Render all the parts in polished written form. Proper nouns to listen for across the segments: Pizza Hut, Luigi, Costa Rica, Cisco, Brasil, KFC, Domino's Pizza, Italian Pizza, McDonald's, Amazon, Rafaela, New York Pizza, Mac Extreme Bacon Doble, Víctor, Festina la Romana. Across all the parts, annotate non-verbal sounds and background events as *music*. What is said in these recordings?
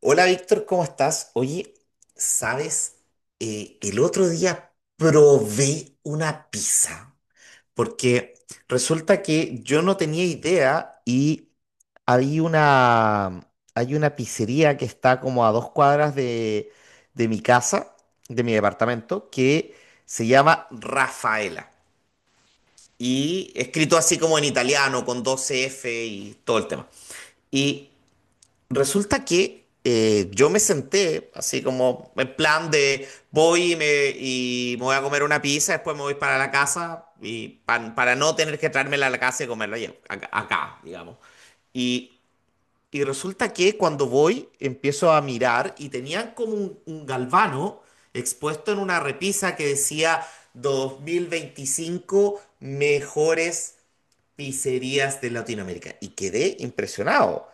Hola Víctor, ¿cómo estás? Oye, ¿sabes? El otro día probé una pizza, porque resulta que yo no tenía idea y había una, hay una pizzería que está como a 2 cuadras de mi casa, de mi departamento, que se llama Rafaela. Y escrito así como en italiano, con 12 F y todo el tema. Y resulta que yo me senté así como en plan de voy y y me voy a comer una pizza, después me voy para la casa y para no tener que traérmela a la casa y acá, acá, digamos. Y, y resulta que cuando voy empiezo a mirar y tenían como un galvano expuesto en una repisa que decía 2025 mejores pizzerías de Latinoamérica. Y quedé impresionado.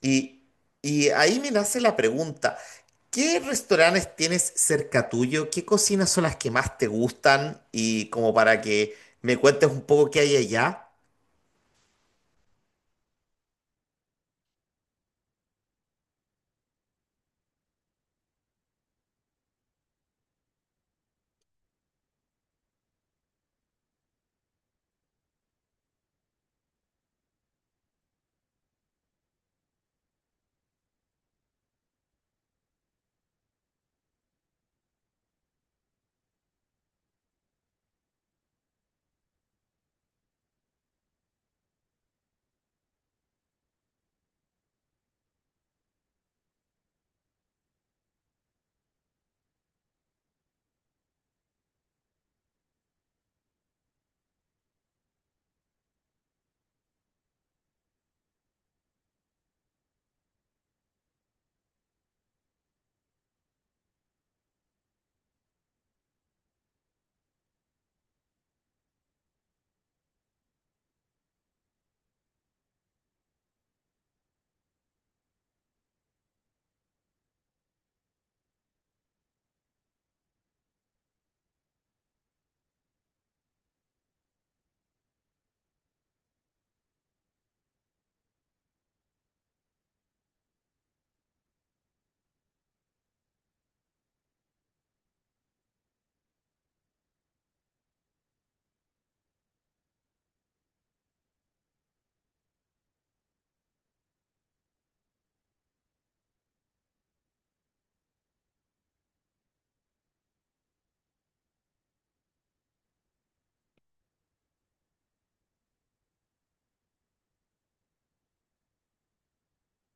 Y, y ahí me nace la pregunta, ¿qué restaurantes tienes cerca tuyo? ¿Qué cocinas son las que más te gustan? Y como para que me cuentes un poco qué hay allá.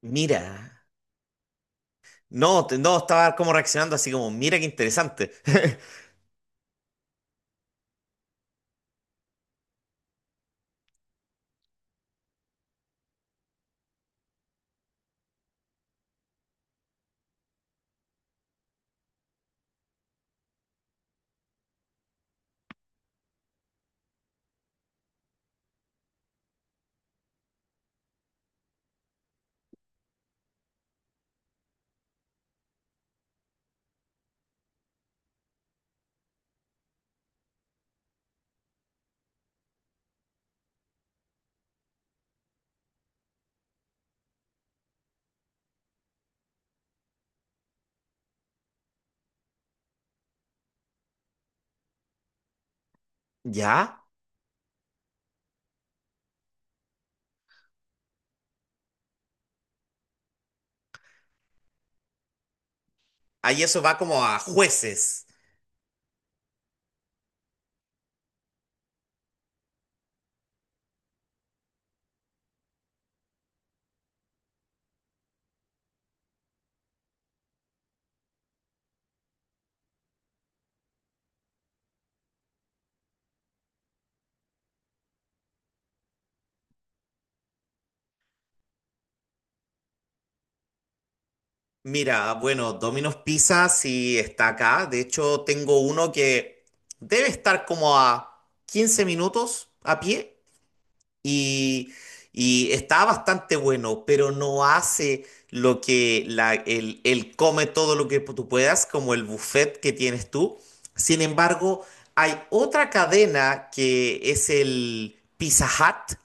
Mira, no, estaba como reaccionando así como, mira qué interesante. *laughs* ¿Ya? Ahí eso va como a jueces. Mira, bueno, Domino's Pizza sí está acá. De hecho, tengo uno que debe estar como a 15 minutos a pie y, y está bastante bueno, pero no hace lo que el come todo lo que tú puedas, como el buffet que tienes tú. Sin embargo, hay otra cadena que es el Pizza Hut,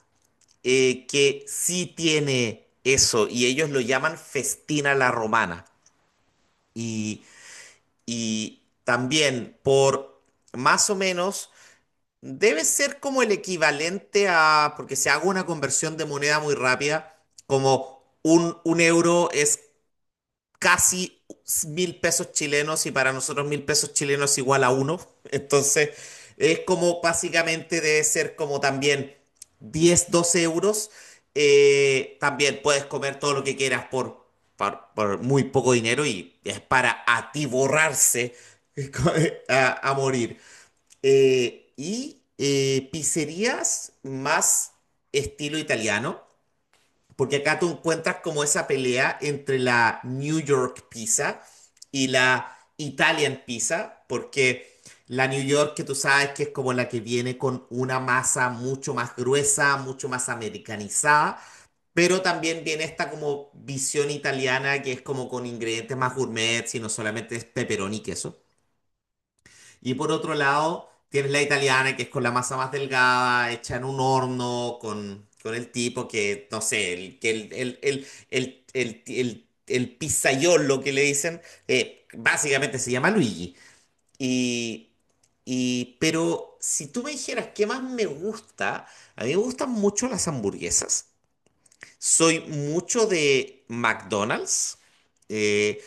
que sí tiene eso y ellos lo llaman Festina la Romana y, y también por más o menos, debe ser como el equivalente a, porque se haga una conversión de moneda muy rápida, como un euro es casi 1.000 pesos chilenos y para nosotros 1.000 pesos chilenos es igual a uno. Entonces, es como básicamente debe ser como también 10 12 euros. También puedes comer todo lo que quieras por muy poco dinero y es para atiborrarse *laughs* a morir. Y pizzerías más estilo italiano. Porque acá tú encuentras como esa pelea entre la New York Pizza y la Italian Pizza, porque la New York que tú sabes que es como la que viene con una masa mucho más gruesa, mucho más americanizada, pero también viene esta como visión italiana que es como con ingredientes más gourmet, sino solamente es pepperoni y queso. Y por otro lado, tienes la italiana, que es con la masa más delgada, hecha en un horno, con el tipo que, no sé, el, que el pizzaiolo que le dicen, básicamente se llama Luigi. Y, pero si tú me dijeras qué más me gusta, a mí me gustan mucho las hamburguesas. Soy mucho de McDonald's. Eh,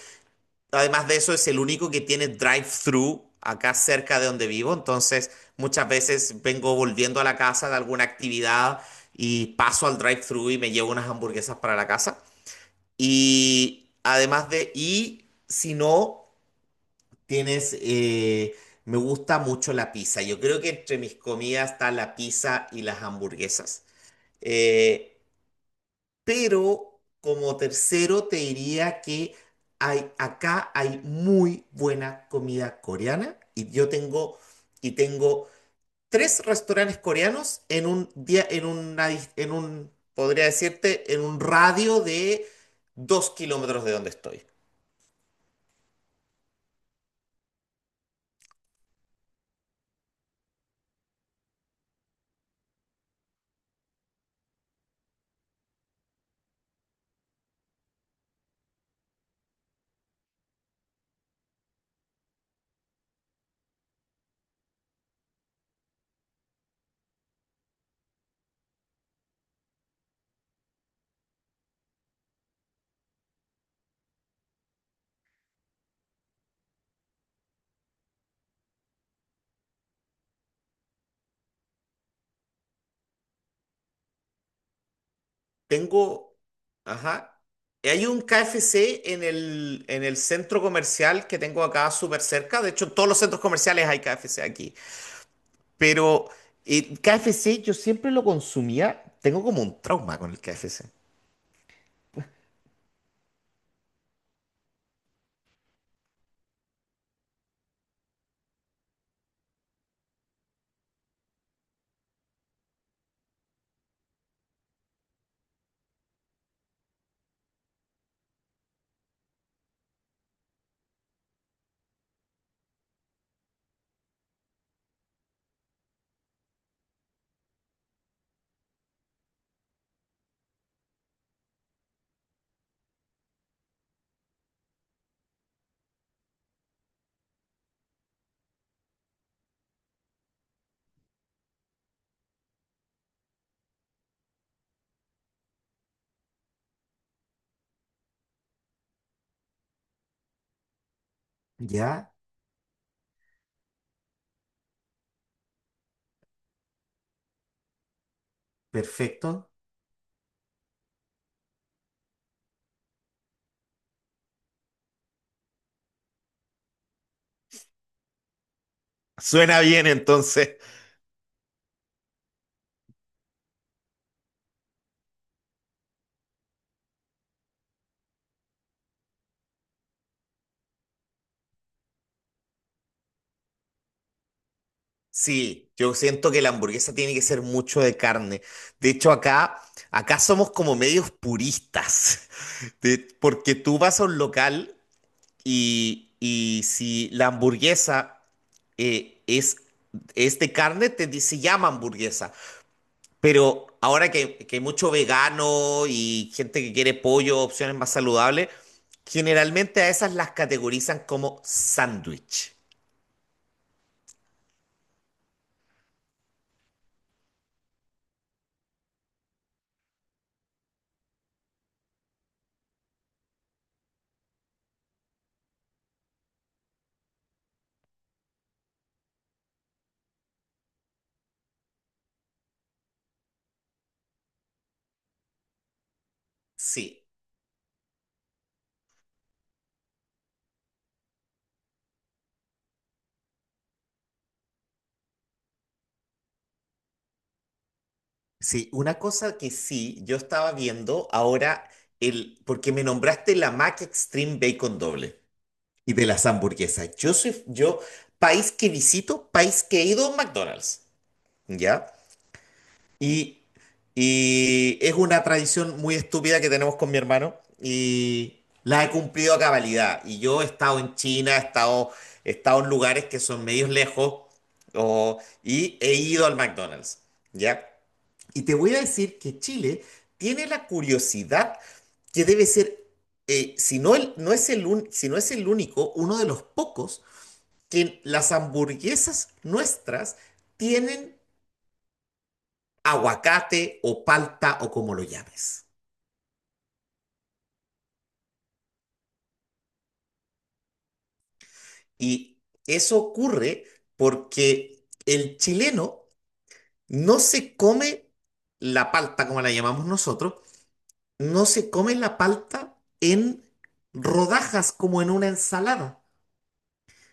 Además de eso, es el único que tiene drive-thru acá cerca de donde vivo. Entonces, muchas veces vengo volviendo a la casa de alguna actividad y paso al drive-thru y me llevo unas hamburguesas para la casa. Y si no, tienes, me gusta mucho la pizza. Yo creo que entre mis comidas está la pizza y las hamburguesas. Eh, pero como tercero te diría que acá hay muy buena comida coreana y yo tengo y tengo tres restaurantes coreanos en un día en en un, podría decirte, en un radio de 2 kilómetros de donde estoy. Tengo, ajá, y hay un KFC en el centro comercial que tengo acá súper cerca. De hecho, en todos los centros comerciales hay KFC aquí. Pero KFC yo siempre lo consumía. Tengo como un trauma con el KFC. Ya, perfecto. Suena bien, entonces. Sí, yo siento que la hamburguesa tiene que ser mucho de carne. De hecho, acá somos como medios puristas, *laughs* porque tú vas a un local y si la hamburguesa eh, es, es de carne, te, dice llama hamburguesa. Pero ahora que hay mucho vegano y gente que quiere pollo, opciones más saludables, generalmente a esas las categorizan como sándwich. Sí, sí, una cosa que sí, yo estaba viendo ahora, el, porque me nombraste la Mac Extreme Bacon Doble y de las hamburguesas. Yo, país que visito, país que he ido a un McDonald's, ¿ya? Y, y es una tradición muy estúpida que tenemos con mi hermano y la he cumplido a cabalidad. Y yo he estado en China, he estado en lugares que son medios lejos y he ido al McDonald's, ¿ya? Y te voy a decir que Chile tiene la curiosidad que debe ser, si no, no es si no es el único, uno de los pocos que las hamburguesas nuestras tienen aguacate o palta o como lo llames. Y eso ocurre porque el chileno no se come la palta como la llamamos nosotros, no se come la palta en rodajas como en una ensalada,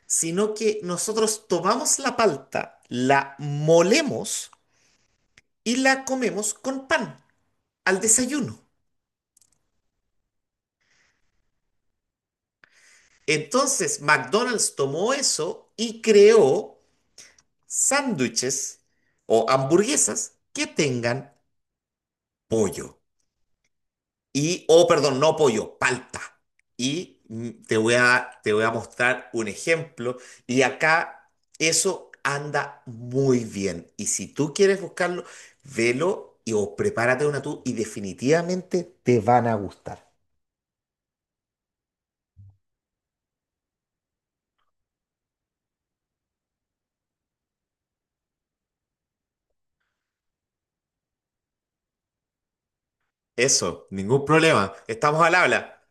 sino que nosotros tomamos la palta, la molemos y la comemos con pan al desayuno. Entonces, McDonald's tomó eso y creó sándwiches o hamburguesas que tengan pollo. Y, oh, perdón, no pollo, palta. Y te voy a mostrar un ejemplo. Y acá eso anda muy bien. Y si tú quieres buscarlo, velo y o prepárate una tú y definitivamente te van a gustar. Eso, ningún problema. Estamos al habla.